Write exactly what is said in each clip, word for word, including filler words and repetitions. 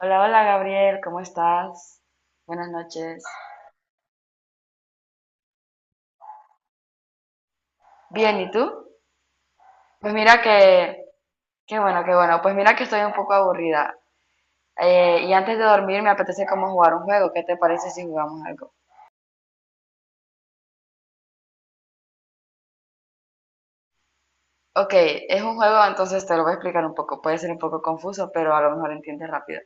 Hola, hola Gabriel, ¿cómo estás? Buenas noches. Bien, ¿y tú? Pues mira que, qué bueno, qué bueno. Pues mira que estoy un poco aburrida. Eh, y antes de dormir me apetece como jugar un juego. ¿Qué te parece si jugamos algo? Ok, es un juego, entonces te lo voy a explicar un poco. Puede ser un poco confuso, pero a lo mejor entiendes rápido.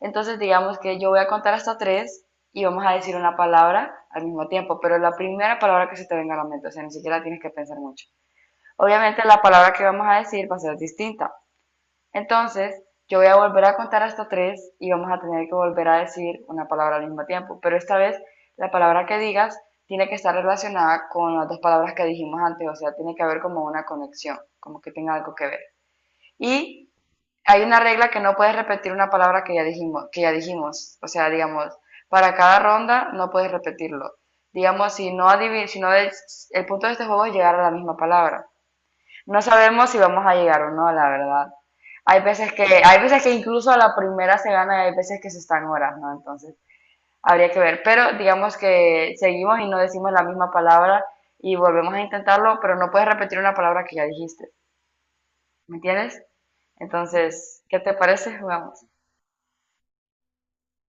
Entonces digamos que yo voy a contar hasta tres y vamos a decir una palabra al mismo tiempo, pero la primera palabra que se te venga a la mente, o sea, ni siquiera tienes que pensar mucho. Obviamente la palabra que vamos a decir va a ser distinta. Entonces, yo voy a volver a contar hasta tres y vamos a tener que volver a decir una palabra al mismo tiempo. Pero esta vez, la palabra que digas tiene que estar relacionada con las dos palabras que dijimos antes, o sea, tiene que haber como una conexión, como que tenga algo que ver. Y hay una regla que no puedes repetir una palabra que ya dijimos, que ya dijimos, o sea, digamos, para cada ronda no puedes repetirlo. Digamos, si no adiv- si no es- el punto de este juego es llegar a la misma palabra. No sabemos si vamos a llegar o no, la verdad. Hay veces que, hay veces que incluso a la primera se gana y hay veces que se están horas, ¿no? Entonces, habría que ver. Pero digamos que seguimos y no decimos la misma palabra y volvemos a intentarlo, pero no puedes repetir una palabra que ya dijiste. ¿Me entiendes? Entonces, ¿qué te parece? Jugamos.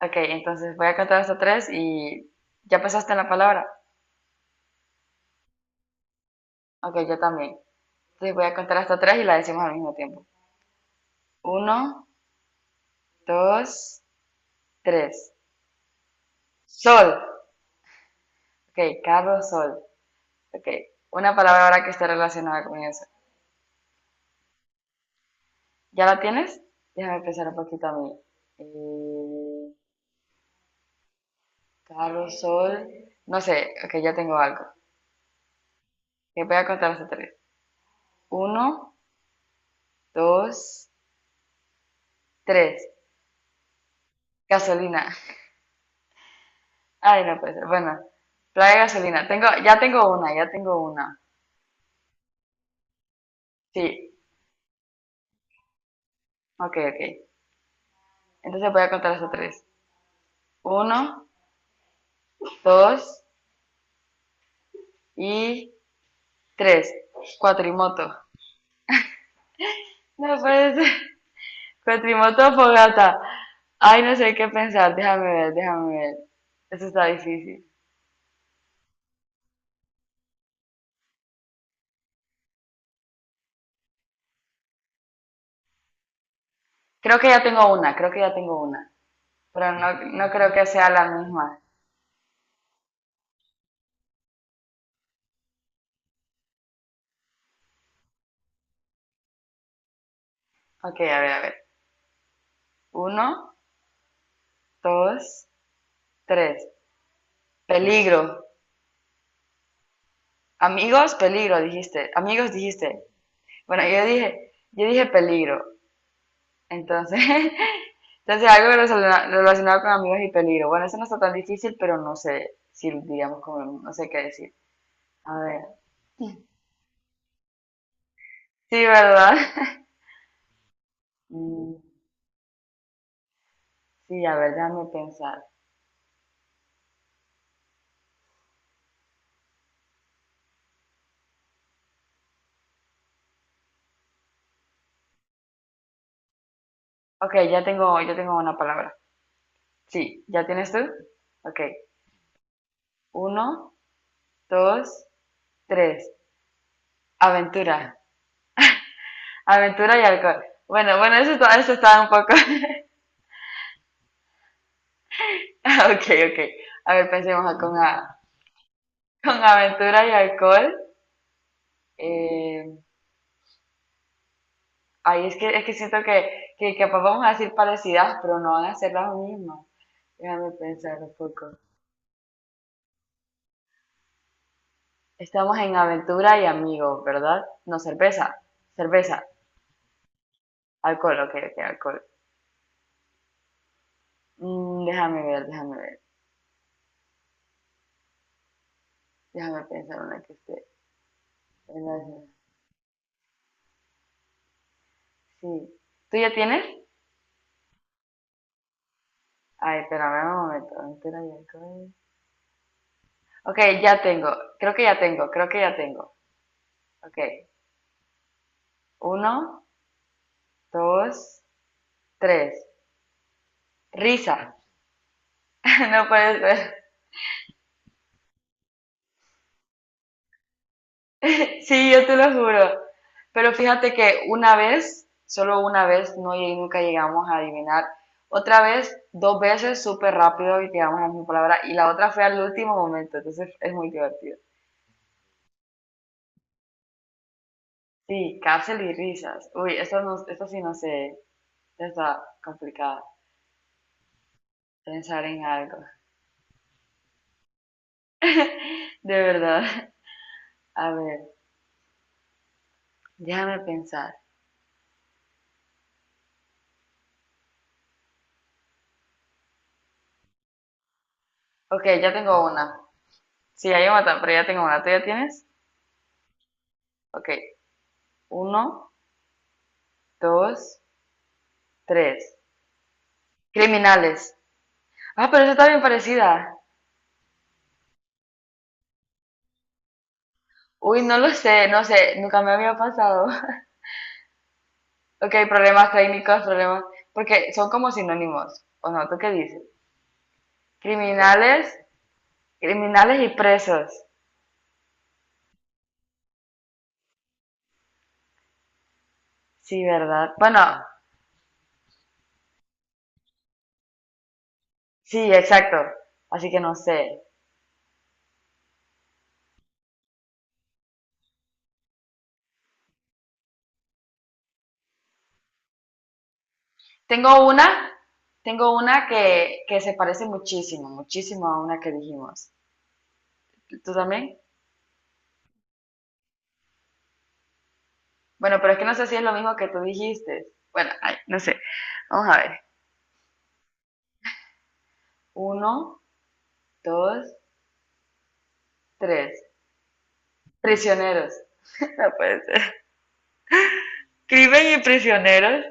Ok, entonces voy a contar hasta tres y ya pensaste en la palabra. Ok, yo también. Entonces voy a contar hasta tres y la decimos al mismo tiempo. Uno, dos, tres. Sol. Ok, carro, sol. Ok, una palabra ahora que esté relacionada con eso. ¿Ya la tienes? Déjame pensar un poquito a mí. Eh, carro, sol. No sé, ok, ya tengo algo. Que voy a contar hasta tres. Uno, dos, tres. Gasolina. Ay, no puede ser. Bueno, playa de gasolina. Tengo, ya tengo una, ya tengo una. Sí, ok, ok. Entonces voy a contar hasta tres. Uno, dos y tres. Cuatrimoto. No puede ser. Cuatrimoto o fogata. Ay, no sé qué pensar. Déjame ver, déjame ver. Eso está difícil. Creo que ya tengo una, creo que ya tengo una. Pero no, no creo que sea la misma. Ok, a ver, a ver. Uno, dos, tres. Peligro. Amigos, peligro, dijiste. Amigos, dijiste. Bueno, yo dije, yo dije peligro. Entonces, entonces algo relacionado con amigos y peligro. Bueno, eso no está tan difícil, pero no sé si digamos como, no sé qué decir. A ver. Sí, ¿verdad? Mm, sí, a ver, déjame pensar. Ok, ya tengo, ya tengo una palabra. Sí, ¿ya tienes tú? Ok, uno, dos, tres. Aventura. Aventura y alcohol. Bueno, bueno, eso, está- eso está un poco... Ah, ok, ok. A ver, pensemos con, a- con aventura y alcohol. Eh, ay, es que, es que siento que, que capaz vamos a decir parecidas, pero no van a ser las mismas. Déjame pensar un poco. Estamos en aventura y amigos, ¿verdad? No, cerveza. Cerveza. Alcohol, ok, ok, alcohol. Mm, déjame ver, déjame ver. Déjame pensar una que esté en la ciudad. Sí. ¿Tú ya tienes? Ay, espérame un momento. Entera y alcohol. Ok, ya tengo. Creo que ya tengo, creo que ya tengo. Ok. Uno, dos, tres. Risa. No puede ser. Sí, yo te lo juro. Pero fíjate que una vez, solo una vez, no llegué- nunca llegamos a adivinar. Otra vez, dos veces, súper rápido y llegamos a la misma palabra. Y la otra fue al último momento, entonces es muy divertido. Sí, cárcel y risas. Uy, esto, no, esto sí no sé, está complicado. Pensar en algo. De verdad. A ver, déjame pensar. Ok, ya tengo una. Sí, hay una, ta- pero ya tengo una. ¿Tú ya tienes? Ok, uno, dos, tres. Criminales. Ah, pero esa está bien parecida. Uy, no lo sé, no sé, nunca me había pasado. Ok, problemas técnicos, problemas, porque son como sinónimos, ¿o no? ¿Tú qué dices? Criminales, criminales y presos. Sí, ¿verdad? Bueno, sí, exacto. Así que no sé. Tengo una, tengo una que, que se parece muchísimo, muchísimo a una que dijimos. ¿Tú también? Bueno, pero es que no sé si es lo mismo que tú dijiste. Bueno, ay, no sé. Vamos a ver. Uno, dos, tres. Prisioneros. No puede ser. Crimen y prisioneros.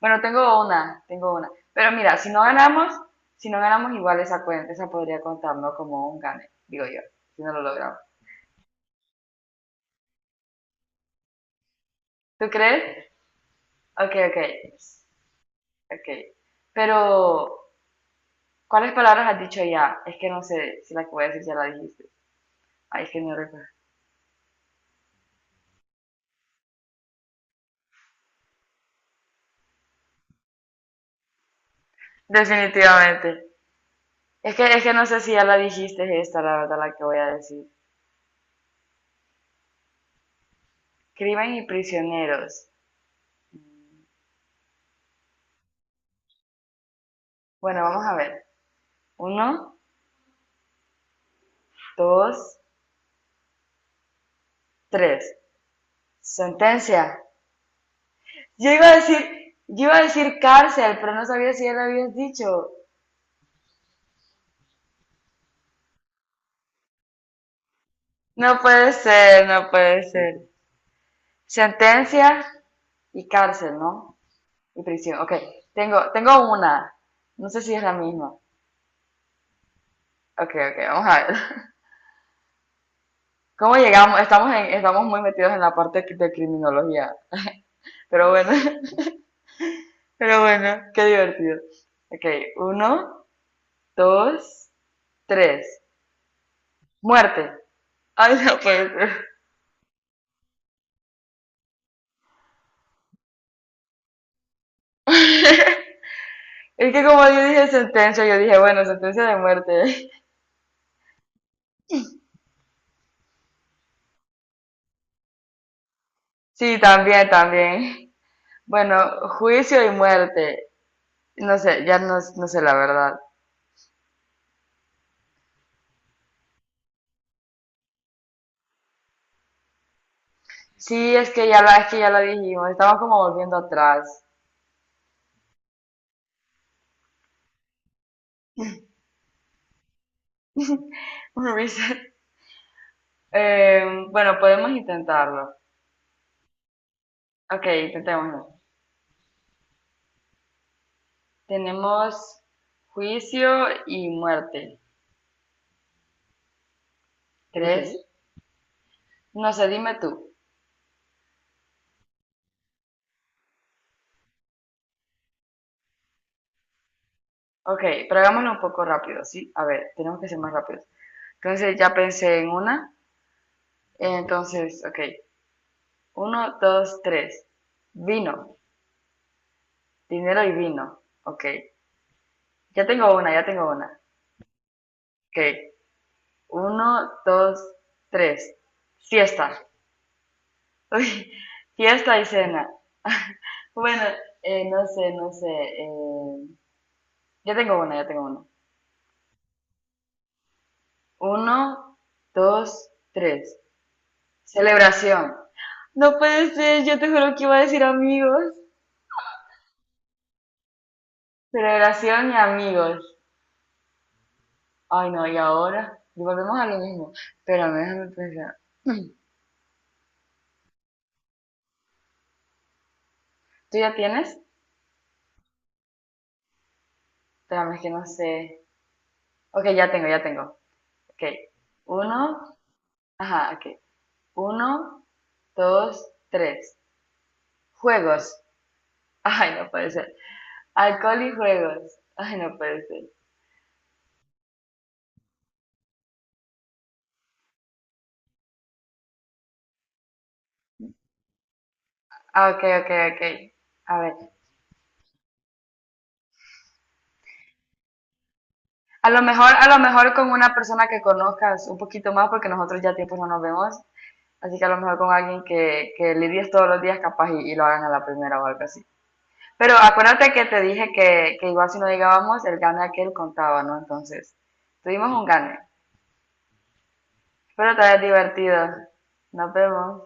Bueno, tengo una, tengo una. Pero mira, si no ganamos, si no ganamos igual esa cuenta, esa podría contarnos como un gane, digo yo, si no lo logramos. ¿Tú crees? Ok, ok. Ok. Pero, ¿cuáles palabras has dicho ya? Es que no sé si la que voy a decir ya la dijiste. Ay, es que no recuerdo. Definitivamente. Es que, es que no sé si ya la dijiste esta, la verdad, la que voy a decir. Crimen y prisioneros. Bueno, vamos a ver. Uno, dos, tres. Sentencia. Yo iba a decir, yo iba a decir cárcel, pero no sabía si ya lo habías dicho. No puede ser, no puede ser. Sentencia y cárcel, ¿no? Y prisión. Ok, tengo, tengo una. No sé si es la misma. Ok, ok, vamos a ver. ¿Cómo llegamos? Estamos, en, estamos muy metidos en la parte de criminología. Pero bueno, pero bueno, qué divertido. Ok, uno, dos, tres. Muerte. Ay, no puede ser. Es que como yo dije sentencia, yo dije, bueno, sentencia de muerte. Sí, también, también. Bueno, juicio y muerte. No sé, ya no, no sé la verdad. Sí, es que ya la, es que ya la dijimos, estamos como volviendo atrás. Un reset. Eh, bueno, podemos intentarlo. Ok, intentémoslo. Tenemos juicio y muerte. Tres. Okay. No sé, dime tú. Ok, pero hagámoslo un poco rápido, ¿sí? A ver, tenemos que ser más rápidos. Entonces ya pensé en una. Entonces, ok. Uno, dos, tres. Vino, dinero y vino. Ok. Ya tengo una, ya tengo una. Ok. Uno, dos, tres. Fiesta. Uy, fiesta y cena. Bueno, eh, no sé, no sé. eh, ya tengo una, ya tengo una. Uno, dos, tres. Celebración. No puede ser, yo te juro que iba a decir amigos. Celebración y amigos. Ay, no, y ahora volvemos a lo mismo. Espérame, déjame pensar. ¿Tú ya tienes? Espérame, es que no sé. Ok, ya tengo, ya tengo. Ok. Uno, ajá, ok. Uno, dos, tres. Juegos. Ay, no puede ser. Alcohol y juegos. Ay, no puede ser. Ah, ok, ok, ok. A ver. A lo mejor, a lo mejor con una persona que conozcas un poquito más, porque nosotros ya tiempo no nos vemos. Así que a lo mejor con alguien que, que lidies todos los días capaz y, y lo hagan a la primera o algo así. Pero acuérdate que te dije que, que igual si no llegábamos, el gane aquel contaba, ¿no? Entonces, tuvimos un gane. Espero te hayas divertido. Nos vemos.